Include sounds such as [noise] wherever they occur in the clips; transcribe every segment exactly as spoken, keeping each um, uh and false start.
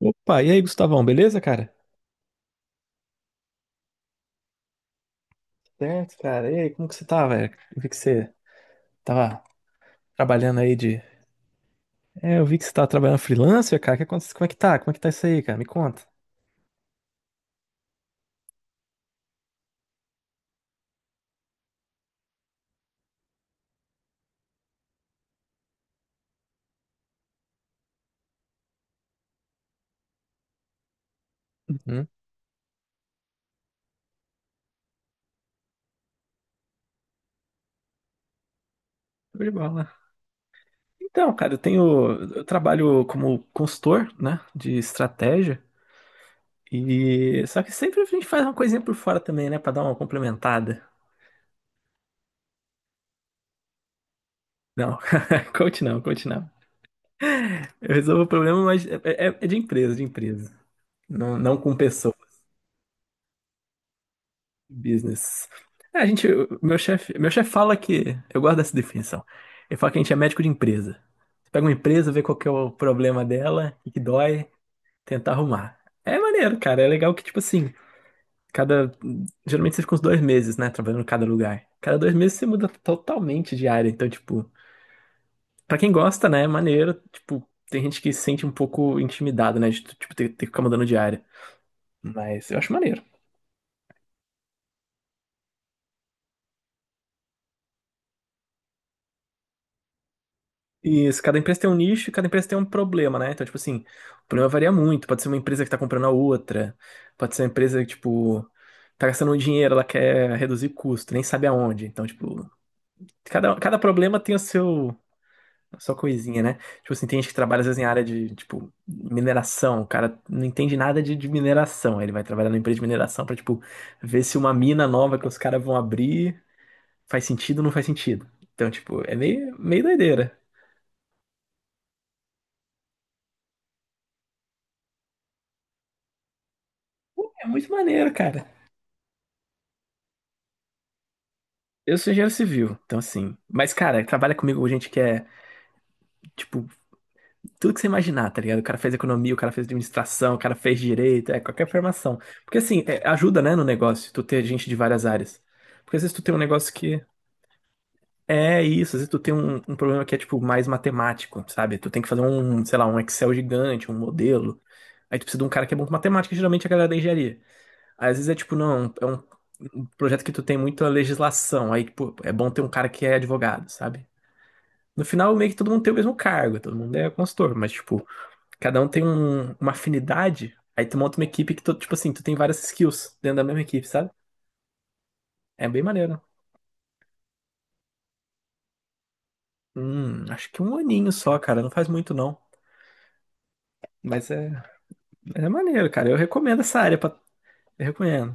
Opa, e aí, Gustavão, beleza, cara? Certo, cara. E aí, como que você tá, velho? Eu vi que você tava trabalhando aí de. É, eu vi que você tava trabalhando freelancer, cara. Que acontece? Como é que tá? Como é que tá isso aí, cara? Me conta. Hum? Show de bola. Então, cara, eu tenho. Eu trabalho como consultor, né? De estratégia. E. Só que sempre a gente faz uma coisinha por fora também, né? Pra dar uma complementada. Não, [laughs] coach não, coach não. Eu resolvo o problema, mas é, é- é de empresa, de empresa. Não, não com pessoas. Business. É, a gente, meu chefe, meu chefe fala que, eu gosto dessa definição. Ele fala que a gente é médico de empresa. Você pega uma empresa, vê qual que é o problema dela, o que que dói, tentar arrumar. É maneiro, cara. É legal que, tipo assim, cada. Geralmente você fica uns dois meses, né? Trabalhando em cada lugar. Cada dois meses você muda totalmente de área. Então, tipo, pra quem gosta, né? É maneiro. Tipo, tem gente que se sente um pouco intimidada, né? De, tipo, ter, ter que ficar mudando de área. Mas eu acho maneiro. Isso, cada empresa tem um nicho e cada empresa tem um problema, né? Então, tipo assim, o problema varia muito. Pode ser uma empresa que tá comprando a outra, pode ser uma empresa que, tipo, tá gastando um dinheiro, ela quer reduzir custo, nem sabe aonde. Então, tipo, cada, cada problema tem o seu, a sua coisinha, né? Tipo assim, tem gente que trabalha às vezes em área de, tipo, mineração, o cara não entende nada de, de mineração. Aí ele vai trabalhar numa empresa de mineração pra, tipo, ver se uma mina nova que os caras vão abrir faz sentido ou não faz sentido. Então, tipo, é meio, meio doideira. É muito maneiro, cara. Eu sou engenheiro civil, então assim. Mas, cara, trabalha comigo gente que é, tipo, tudo que você imaginar, tá ligado? O cara fez economia, o cara fez administração, o cara fez direito, é qualquer formação. Porque, assim, é, ajuda, né, no negócio, tu ter gente de várias áreas. Porque às vezes tu tem um negócio que é isso, às vezes tu tem um, um problema que é, tipo, mais matemático, sabe? Tu tem que fazer um, sei lá, um Excel gigante, um modelo. Aí tu precisa de um cara que é bom com matemática, geralmente é a galera da engenharia. Aí, às vezes é, tipo, não, é um um projeto que tu tem muita legislação, aí, tipo, é bom ter um cara que é advogado, sabe? No final, meio que todo mundo tem o mesmo cargo, todo mundo é consultor, mas, tipo, cada um tem um- uma afinidade. Aí tu monta uma equipe que, tu, tipo assim, tu tem várias skills dentro da mesma equipe, sabe? É bem maneiro. Hum, acho que um aninho só, cara, não faz muito não. Mas é, é maneiro, cara. Eu recomendo essa área, pra... Eu recomendo.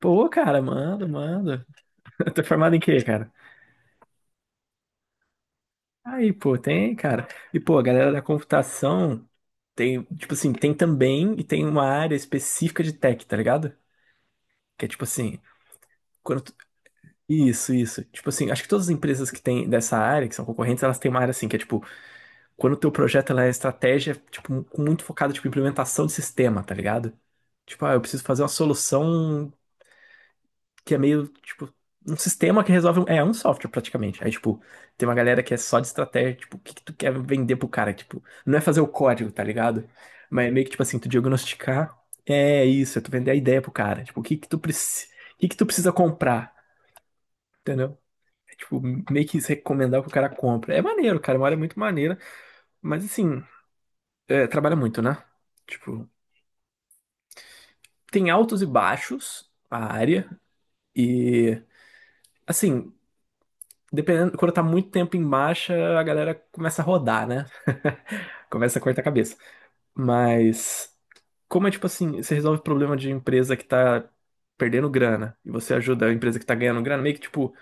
Pô, cara, manda, manda. [laughs] Tô formado em quê, cara? Aí, pô, tem, cara. E, pô, a galera da computação tem, tipo assim, tem também e tem uma área específica de tech, tá ligado? Que é tipo assim, quando tu, isso, isso. Tipo assim, acho que todas as empresas que têm dessa área, que são concorrentes, elas têm uma área assim, que é tipo, quando o teu projeto ela é estratégia, tipo, um, com- muito focada, tipo, em implementação de sistema, tá ligado? Tipo, ah, eu preciso fazer uma solução que é meio, tipo, um sistema que resolve, um- é um software praticamente. Aí, tipo, tem uma galera que é só de estratégia, tipo, o que que tu quer vender pro cara? Tipo, não é fazer o código, tá ligado? Mas é meio que, tipo assim, tu diagnosticar, é isso, é tu vender a ideia pro cara. Tipo, o que que tu precisa, o que que tu precisa comprar, entendeu? Tipo, meio que recomendar que o cara compra. É maneiro, cara. Uma área muito maneira. Mas assim, é, trabalha muito, né? Tipo, tem altos e baixos a área. E assim, dependendo, quando tá muito tempo em baixa, a galera começa a rodar, né? Começa a cortar a cabeça. Mas como é tipo assim, você resolve o problema de empresa que tá perdendo grana e você ajuda a empresa que tá ganhando grana, meio que tipo,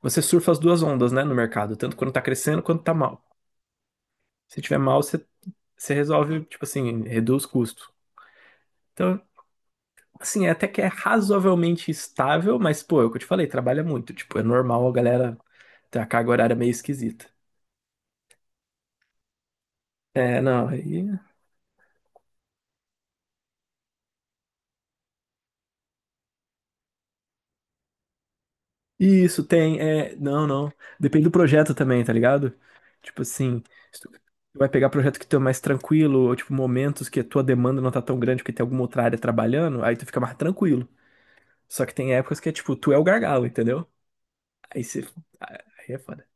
você surfa as duas ondas, né, no mercado, tanto quando tá crescendo quanto tá mal. Se tiver mal, você você resolve, tipo assim, reduz custo. Então, assim, é até que é razoavelmente estável, mas, pô, é o que eu te falei, trabalha muito. Tipo, é normal a galera ter a carga horária meio esquisita. É, não, aí. Isso, tem, é. Não, não. Depende do projeto também, tá ligado? Tipo assim, se tu vai pegar projeto que tu é mais tranquilo, ou tipo, momentos que a tua demanda não tá tão grande porque tem alguma outra área trabalhando, aí tu fica mais tranquilo. Só que tem épocas que é tipo, tu é o gargalo, entendeu? Aí você. Aí é foda.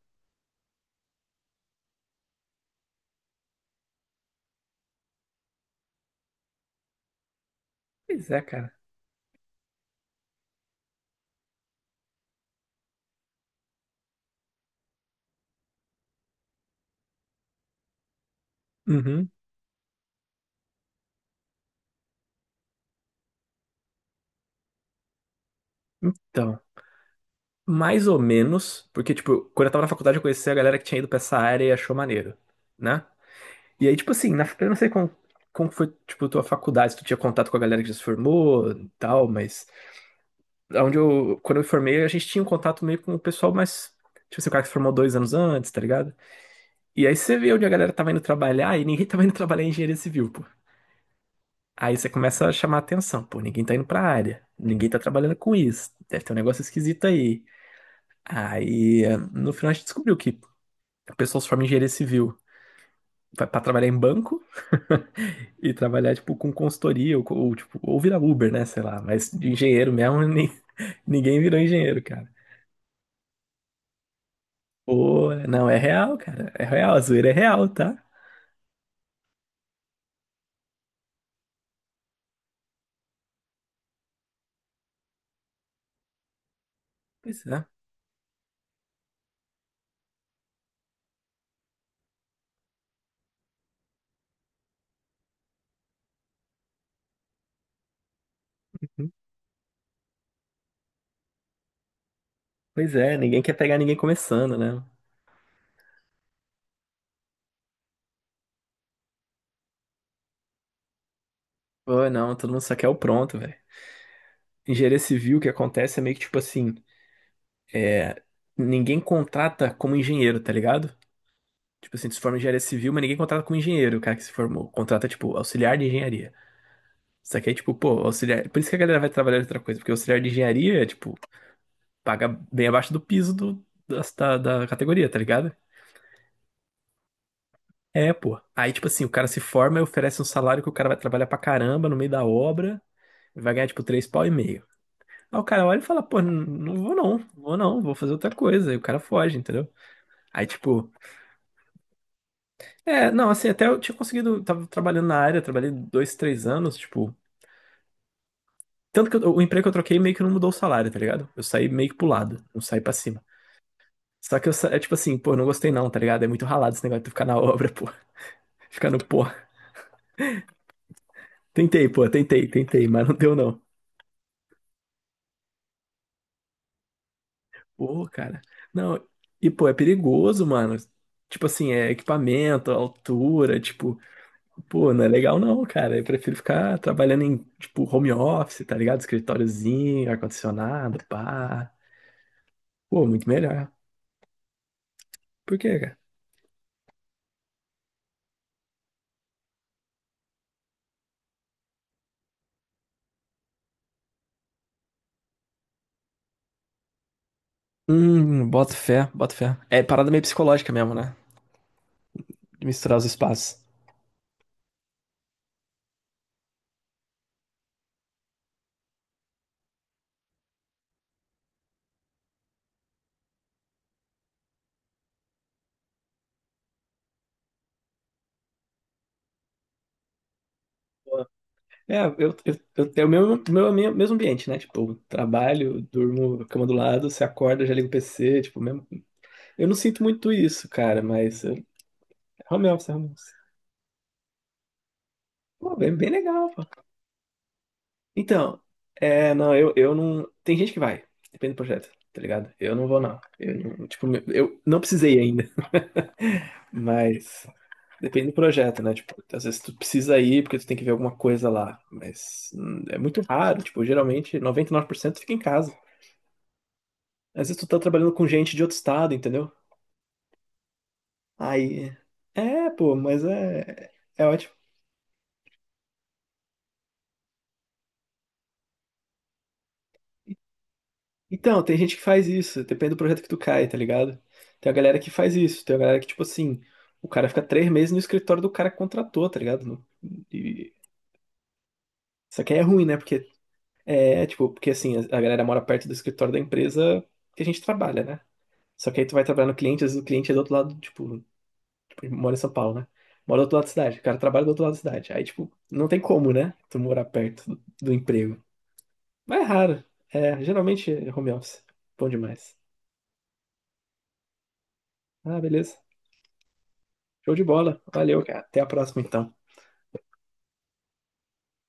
Pois é, cara. Uhum. Então. Mais ou menos, porque, tipo, quando eu tava na faculdade eu conheci a galera que tinha ido pra essa área e achou maneiro, né? E aí, tipo assim, na, eu não sei como, como foi, tipo, tua faculdade, se tu tinha contato com a galera que já se formou e tal, mas onde eu, quando eu me formei, a gente tinha um contato meio com o pessoal mais, tipo assim, o cara que se formou dois anos antes, tá ligado? E aí você vê onde a galera tava indo trabalhar e ninguém [laughs] tava indo trabalhar em engenharia civil, pô. Aí você começa a chamar atenção, pô, ninguém tá indo pra área, ninguém tá trabalhando com isso, deve ter um negócio esquisito aí. Aí, eh, no final a gente descobriu que o pessoal se forma em engenharia civil para trabalhar em banco [laughs] e trabalhar, tipo, com consultoria ou, ou, tipo, ou virar Uber, né? Sei lá. Mas de engenheiro mesmo, nem- [laughs] ninguém virou engenheiro, cara. Pô, não, é real, cara. É real, a zoeira é real, tá? Pois é. Uhum. Pois é, ninguém quer pegar ninguém começando, né? Pô, não, todo mundo só quer o pronto, velho. Engenharia civil, o que acontece é meio que tipo assim, ninguém contrata como engenheiro, tá ligado? Tipo assim, tu se forma em engenharia civil, mas ninguém contrata como engenheiro, o cara que se formou. Contrata, tipo, auxiliar de engenharia. Isso aqui é tipo, pô, auxiliar. Por isso que a galera vai trabalhar em outra coisa, porque auxiliar de engenharia, tipo, paga bem abaixo do piso do, da, da da categoria, tá ligado? É, pô. Aí, tipo assim, o cara se forma e oferece um salário que o cara vai trabalhar pra caramba no meio da obra, vai ganhar, tipo, três pau e meio. Aí o cara olha e fala, pô, n- não vou não, vou não, vou fazer outra coisa. E o cara foge, entendeu? Aí, tipo, é, não, assim, até eu tinha conseguido, tava trabalhando na área, trabalhei dois, três anos, tipo. Tanto que eu- o emprego que eu troquei meio que não mudou o salário, tá ligado? Eu saí meio que pro lado, não saí pra cima. Só que eu, sa- é tipo assim, pô, não gostei não, tá ligado? É muito ralado esse negócio de tu ficar na obra, pô. [laughs] Ficar no pô. Tentei, pô, tentei, tentei, mas não deu não. Pô, cara. Não, e pô, é perigoso, mano. Tipo assim, é equipamento, altura, tipo, pô, não é legal não, cara. Eu prefiro ficar trabalhando em, tipo, home office, tá ligado? Escritóriozinho, ar-condicionado, pá. Pô, muito melhor. Por quê, cara? Hum, boto fé, boto fé. É parada meio psicológica mesmo, né? De misturar os espaços. É, eu, eu, eu tenho o meu, meu, meu, mesmo ambiente, né? Tipo, trabalho, durmo, cama do lado, você acorda, já liga o P C, tipo, mesmo. Eu não sinto muito isso, cara, mas eh, home office, home office. Pô, bem, bem legal, pô. Então, é, não, eu, eu não. Tem gente que vai, depende do projeto, tá ligado? Eu não vou, não. Eu, não- tipo, eu não precisei ainda, mas depende do projeto, né? Tipo, às vezes tu precisa ir porque tu tem que ver alguma coisa lá, mas hum, é muito raro, tipo, geralmente noventa e nove por cento fica em casa. Às vezes tu tá trabalhando com gente de outro estado, entendeu? Aí. É, pô, mas é. É ótimo. Então, tem gente que faz isso, depende do projeto que tu cai, tá ligado? Tem a galera que faz isso, tem a galera que, tipo assim, o cara fica três meses no escritório do cara que contratou, tá ligado? No- E... Isso aqui é ruim, né? Porque é, tipo, porque assim, a a galera mora perto do escritório da empresa que a gente trabalha, né? Só que aí tu vai trabalhar no cliente, às vezes o cliente é do outro lado, tipo, mora em São Paulo, né? Mora do outro lado da cidade. O cara trabalha do outro lado da cidade. Aí, tipo, não tem como, né? Tu morar perto do, do, emprego. Mas é raro. É, geralmente é home office. Bom demais. Ah, beleza. Show de bola. Valeu, cara. Até a próxima, então.